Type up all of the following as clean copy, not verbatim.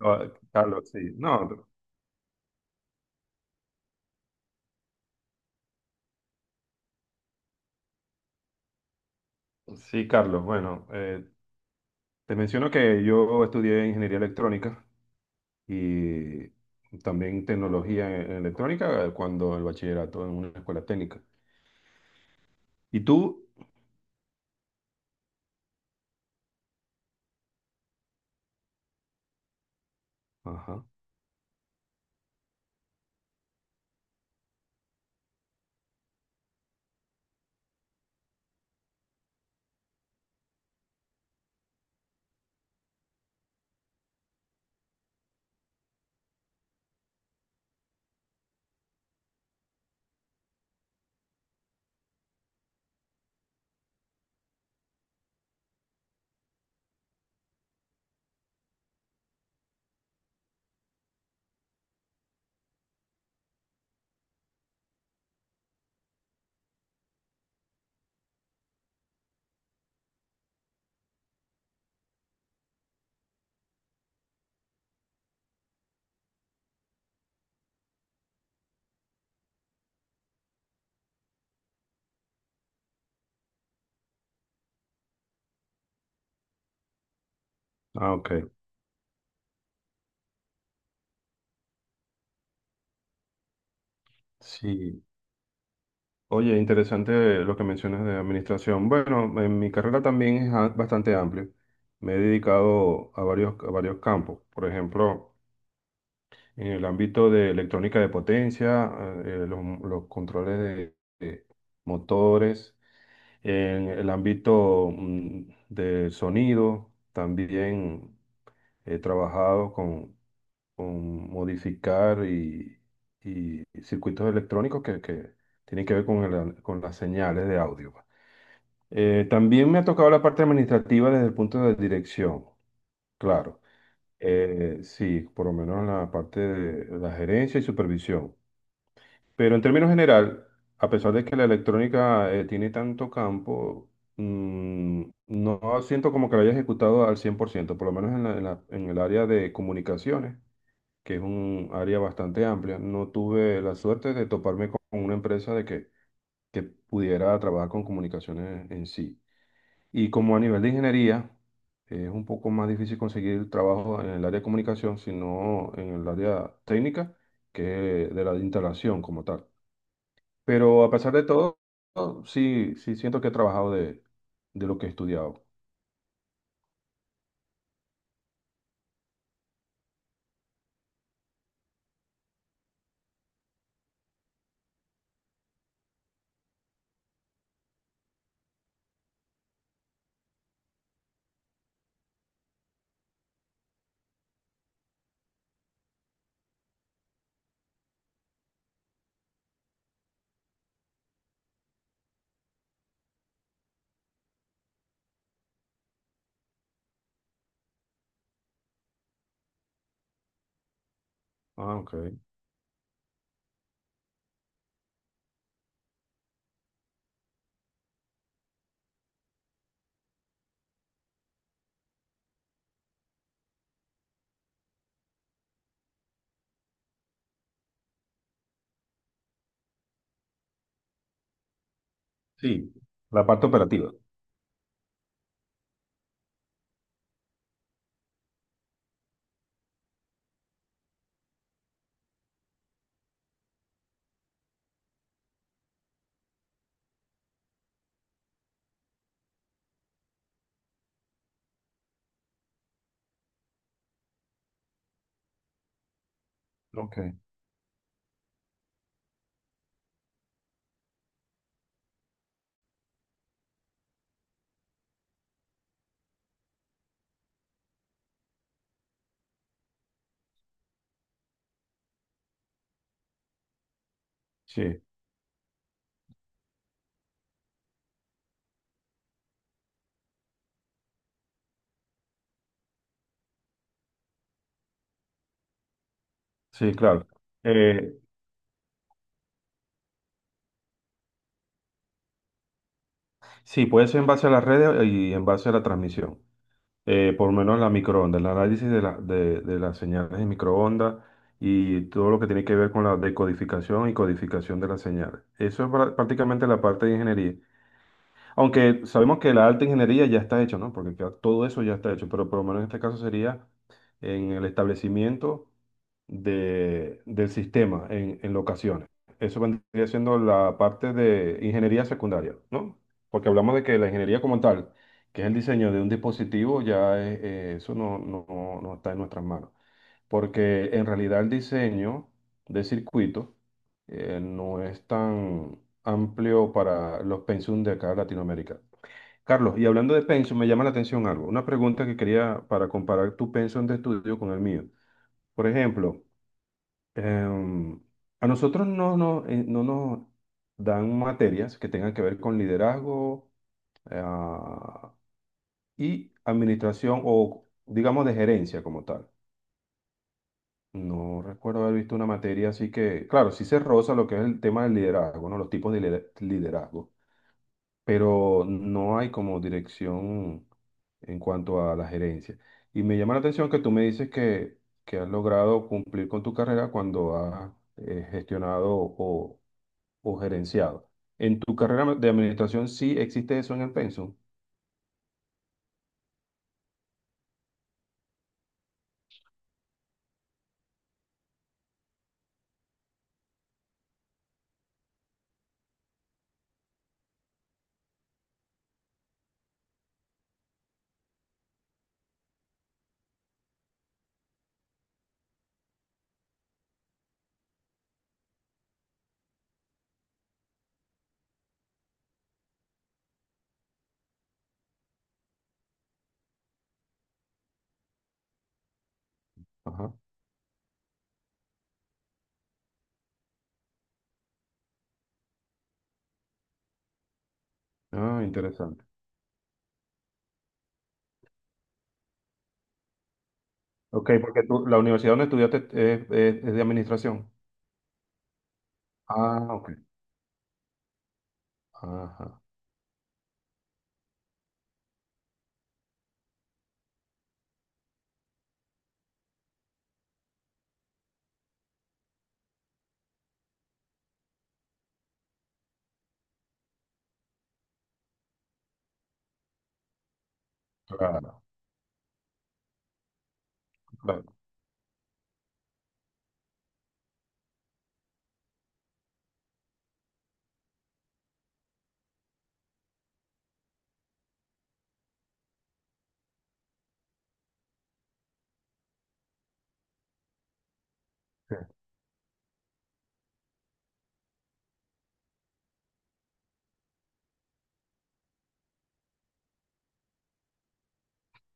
Ah, Carlos, sí. No, sí, Carlos. Bueno, te menciono que yo estudié ingeniería electrónica y también tecnología en electrónica cuando el bachillerato en una escuela técnica. ¿Y tú? Ajá. Ah, ok. Sí. Oye, interesante lo que mencionas de administración. Bueno, en mi carrera también es bastante amplio. Me he dedicado a varios campos. Por ejemplo, en el ámbito de electrónica de potencia, los controles de de motores en el ámbito de sonido, también he trabajado con modificar y circuitos electrónicos que tienen que ver con, con las señales de audio, pues. También me ha tocado la parte administrativa desde el punto de dirección, claro. Sí, por lo menos la parte de la gerencia y supervisión. Pero en términos general, a pesar de que la electrónica tiene tanto campo, no siento como que la haya ejecutado al 100%, por ciento, por lo menos en en el área de comunicaciones, que es un área bastante amplia. No tuve la suerte de toparme con una empresa de que pudiera trabajar con comunicaciones en sí. Y como a nivel de ingeniería, es un poco más difícil conseguir trabajo en el área de comunicación, sino en el área técnica, que es de la de instalación como tal. Pero a pesar de todo, sí, sí siento que he trabajado de lo que he estudiado. Ah, ok. Sí, la parte operativa. Ok. Sí, sí, claro. Eh, sí, puede ser en base a las redes y en base a la transmisión. Por lo menos la microondas, el análisis de, de las señales de microondas y todo lo que tiene que ver con la decodificación y codificación de las señales. Eso es prácticamente la parte de ingeniería. Aunque sabemos que la alta ingeniería ya está hecha, ¿no? Porque ya todo eso ya está hecho, pero por lo menos en este caso sería en el establecimiento de, del sistema en locaciones. Eso vendría siendo la parte de ingeniería secundaria, ¿no? Porque hablamos de que la ingeniería como tal, que es el diseño de un dispositivo, eso no está en nuestras manos. Porque en realidad el diseño de circuitos no es tan amplio para los pensum de acá en Latinoamérica. Carlos, y hablando de pensum, me llama la atención algo, una pregunta que quería para comparar tu pensum de estudio con el mío. Por ejemplo, em, a nosotros no nos dan materias que tengan que ver con liderazgo ah, y administración o digamos de gerencia como tal. No recuerdo haber visto una materia así que, claro, sí se roza lo que es el tema del liderazgo, ¿no? Los tipos de liderazgo, pero no hay como dirección en cuanto a la gerencia. Y me llama la atención que tú me dices que has logrado cumplir con tu carrera cuando has gestionado o gerenciado. ¿En tu carrera de administración sí existe eso en el pensum? Ajá. Ah, interesante. Ok, porque la universidad donde estudiaste es de administración. Ah, ok. Ajá. Claro, claro.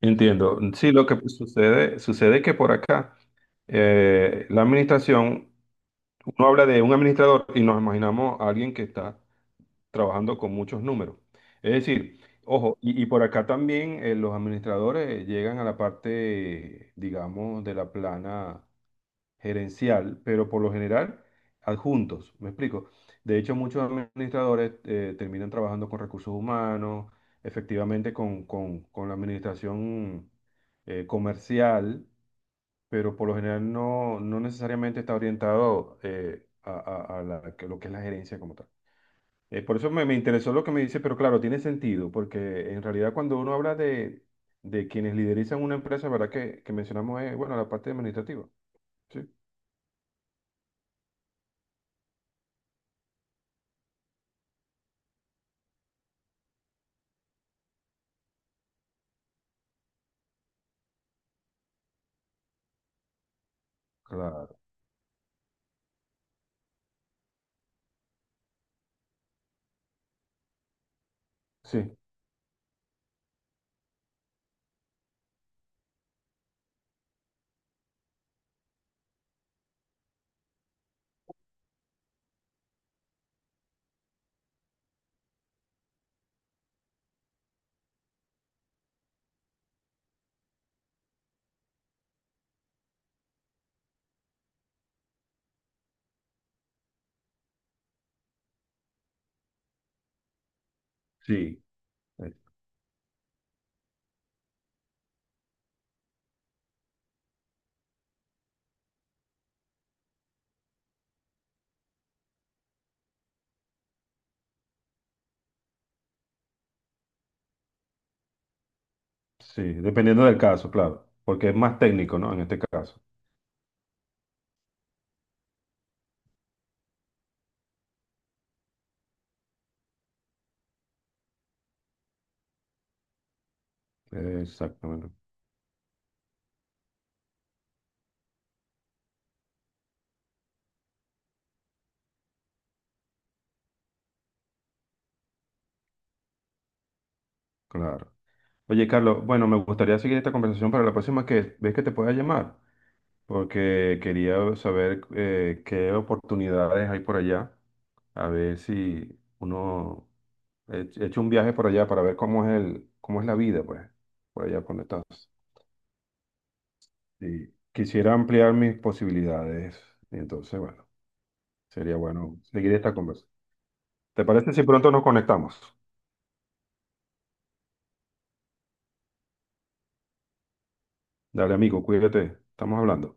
Entiendo. Sí, lo que pues, sucede, sucede que por acá la administración, uno habla de un administrador y nos imaginamos a alguien que está trabajando con muchos números. Es decir, ojo, y por acá también los administradores llegan a la parte, digamos, de la plana gerencial, pero por lo general adjuntos, ¿me explico? De hecho, muchos administradores terminan trabajando con recursos humanos, efectivamente con, con la administración comercial, pero por lo general no, no necesariamente está orientado que lo que es la gerencia como tal. Por eso me interesó lo que me dice, pero claro, tiene sentido, porque en realidad cuando uno habla de quienes liderizan una empresa, ¿verdad? Que mencionamos, bueno, la parte administrativa. ¿Sí? Claro, sí. Sí, eh, sí, dependiendo del caso, claro, porque es más técnico, ¿no? En este caso. Exactamente, claro. Oye, Carlos, bueno, me gustaría seguir esta conversación para la próxima que ves que te pueda llamar, porque quería saber qué oportunidades hay por allá, a ver si uno he hecho un viaje por allá para ver cómo es el, cómo es la vida, pues, por allá por donde estás. Sí, quisiera ampliar mis posibilidades, entonces, bueno, sería bueno seguir esta conversación. ¿Te parece si pronto nos conectamos? Dale, amigo, cuídate. Estamos hablando.